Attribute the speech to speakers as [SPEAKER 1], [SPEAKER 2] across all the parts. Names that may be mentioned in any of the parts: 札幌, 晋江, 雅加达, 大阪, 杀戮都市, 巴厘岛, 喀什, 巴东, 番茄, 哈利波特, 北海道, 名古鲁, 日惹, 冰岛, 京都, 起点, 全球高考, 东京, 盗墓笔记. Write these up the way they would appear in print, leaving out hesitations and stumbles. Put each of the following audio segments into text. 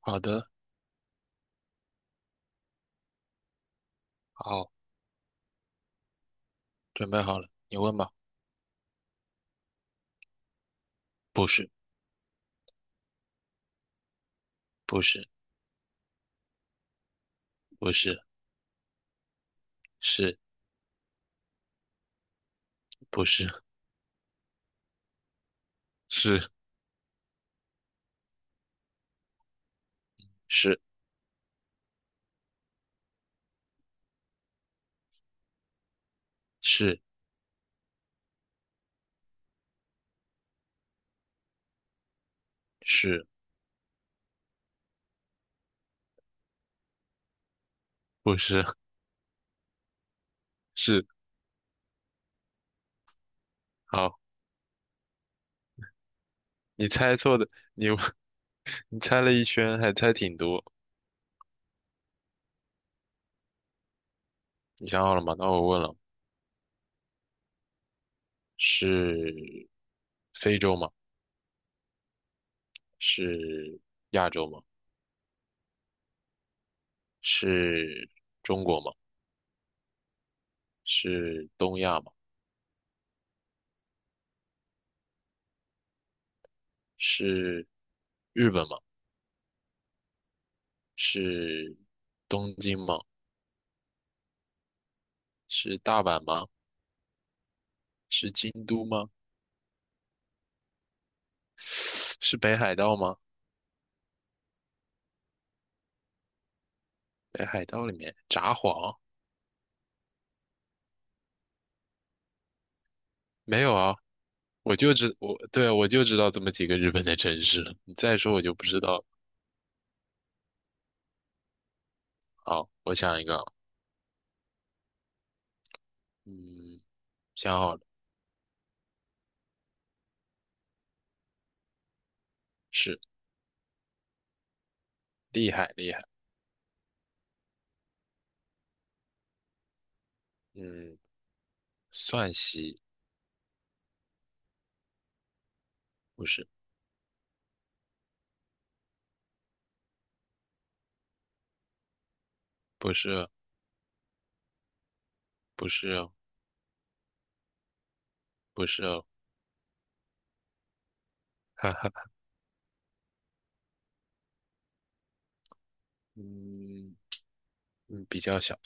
[SPEAKER 1] 好的。好，准备好了，你问吧。不是，不是，不是，是，不是，是，是，是，是，不是，是。好，你猜错的，你 你猜了一圈，还猜挺多。你想好了吗？那我问了，是非洲吗？是亚洲吗？是中国吗？是东亚吗？是日本吗？是东京吗？是大阪吗？是京都吗？是北海道吗？北海道里面札幌。没有啊？我就知道这么几个日本的城市了，你再说我就不知道了。好，我想一个啊。嗯，想好了。是。厉害厉害。嗯，算西。不是。不是哦。不是哦。不是哦。哈哈。嗯嗯，比较小。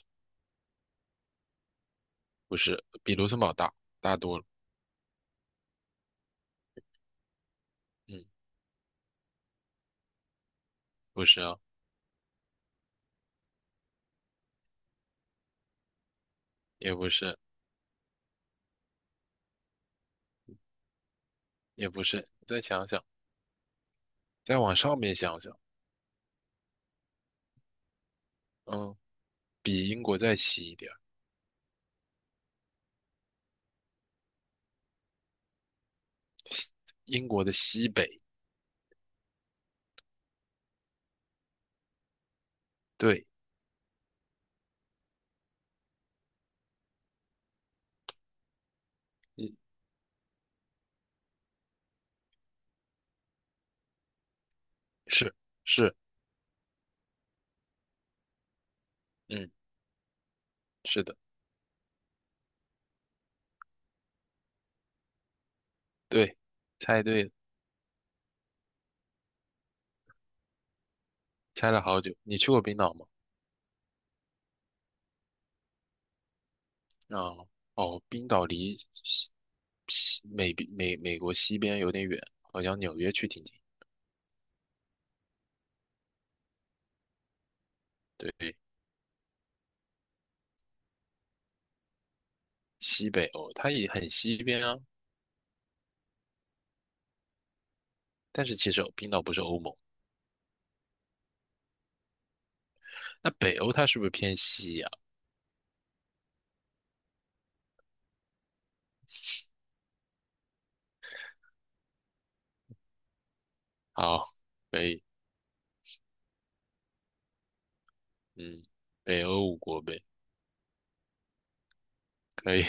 [SPEAKER 1] 不是，比卢森堡大，大多了。嗯。不是啊。也不是。也不是，再想想。再往上面想想。嗯，比英国再西一点。英国的西北。对。嗯。是。是。嗯。是的。对，猜对了。猜了好久。你去过冰岛吗？啊、哦，冰岛离西西美美美国西边有点远，好像纽约去挺近。对。西北欧，它也很西边啊，但是其实冰岛不是欧盟。那北欧它是不是偏西呀、好，可以。嗯，北欧五国呗。可以。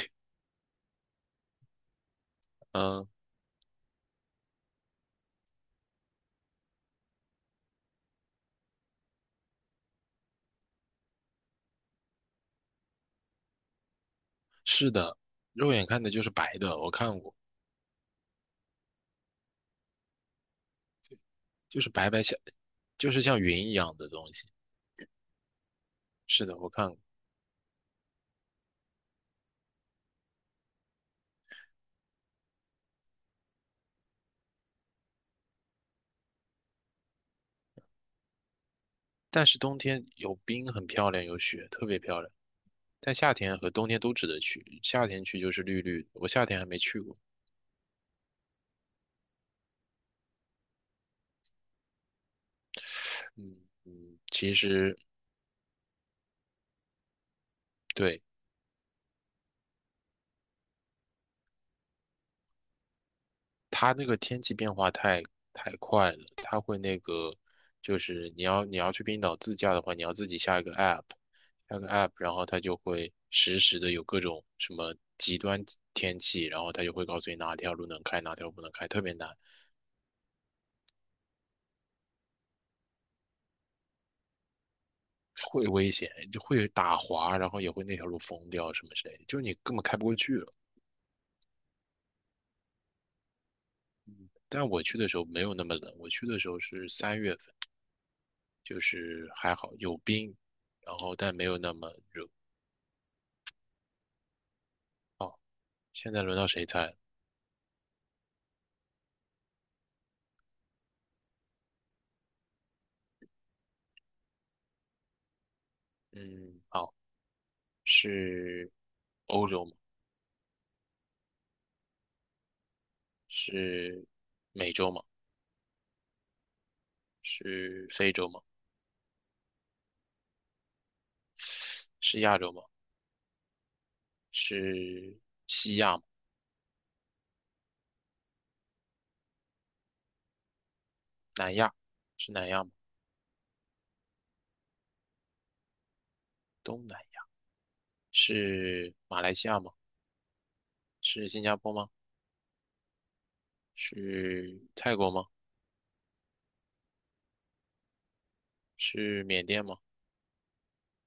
[SPEAKER 1] 嗯。是的，肉眼看的就是白的，我看过。就是白白像，就是像云一样的东西。是的，我看过。但是冬天有冰，很漂亮，有雪，特别漂亮。但夏天和冬天都值得去。夏天去就是绿绿的，我夏天还没去过。嗯嗯，其实对，它那个天气变化太快了，它会那个，就是你要去冰岛自驾的话，你要自己下一个 app,下个 app,然后它就会实时的有各种什么极端天气，然后它就会告诉你哪条路能开，哪条路不能开，特别难。会危险，就会打滑，然后也会那条路封掉什么之类的，就是你根本开不过去了。但我去的时候没有那么冷，我去的时候是三月份，就是还好有冰，然后但没有那么热。哦，现在轮到谁猜了？嗯，好。是欧洲吗？是美洲吗？是非洲吗？是亚洲吗？是西亚吗？南亚？是南亚吗？东南亚？是马来西亚吗？是新加坡吗？是泰国吗？是缅甸吗？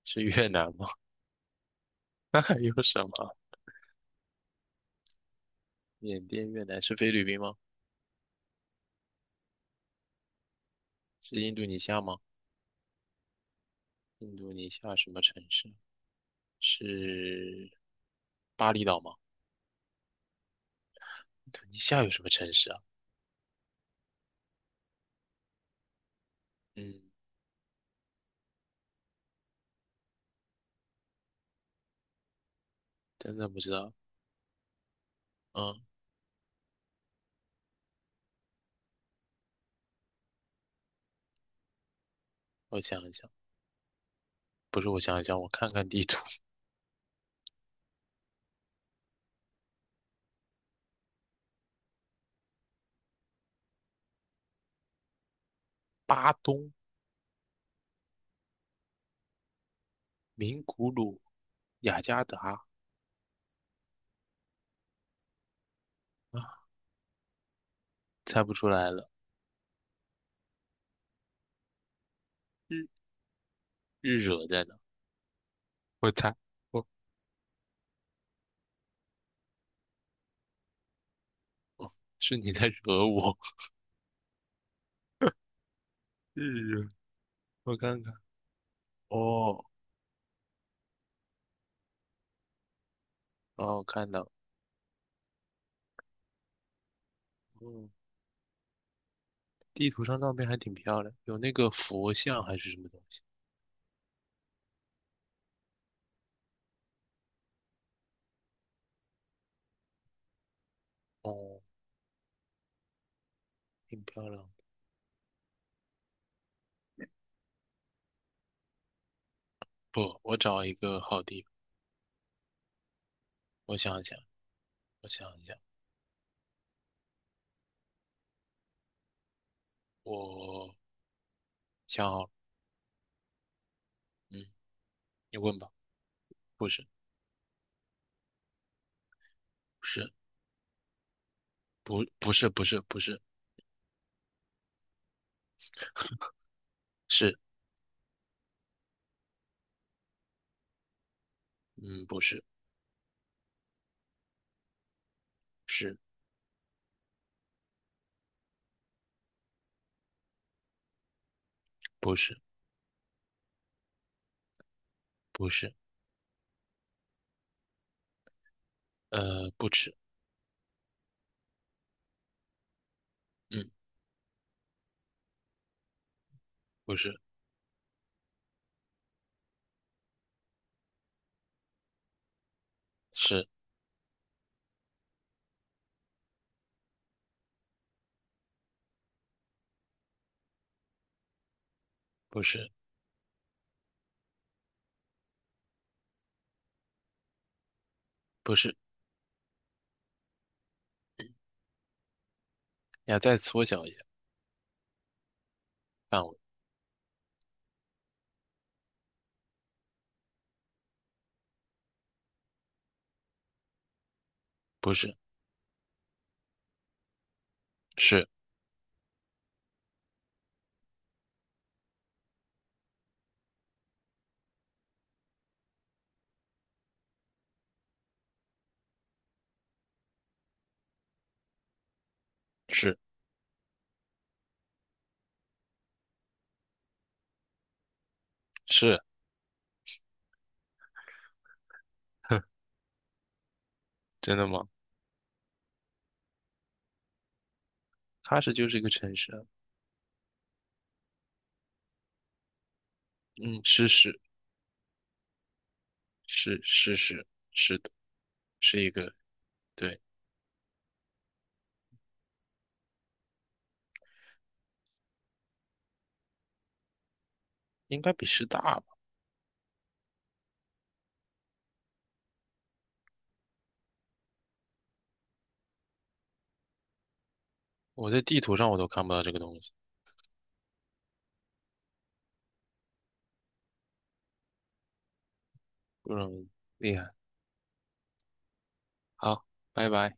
[SPEAKER 1] 是越南吗？那还有什么？缅甸、越南，是菲律宾吗？是印度尼西亚吗？印度尼西亚什么城市？是巴厘岛吗？印度尼西亚有什么城市啊？嗯，真的不知道。嗯，我想一想，不是，我想一想，我看看地图。巴东、名古鲁、雅加达，啊，猜不出来了。日。日惹在哪？我猜，我。是你在惹我。日惹，我看看。哦哦，看到。嗯，地图上照片还挺漂亮，有那个佛像还是什么东西。哦，挺漂亮的。不，我找一个好地方。我想一想，我想一想，我想好了。嗯，你问吧。不是，不是，不，不是，不是。不是，是。嗯，不是。是。不是。不是。不吃。嗯，不是。是。不是。不是。你要再缩小一下范围。不是。是。是。是。真的吗？喀什就是一个城市啊。嗯，是是的。是一个，对。应该比师大吧？我在地图上我都看不到这个东西。嗯，厉害。好，拜拜。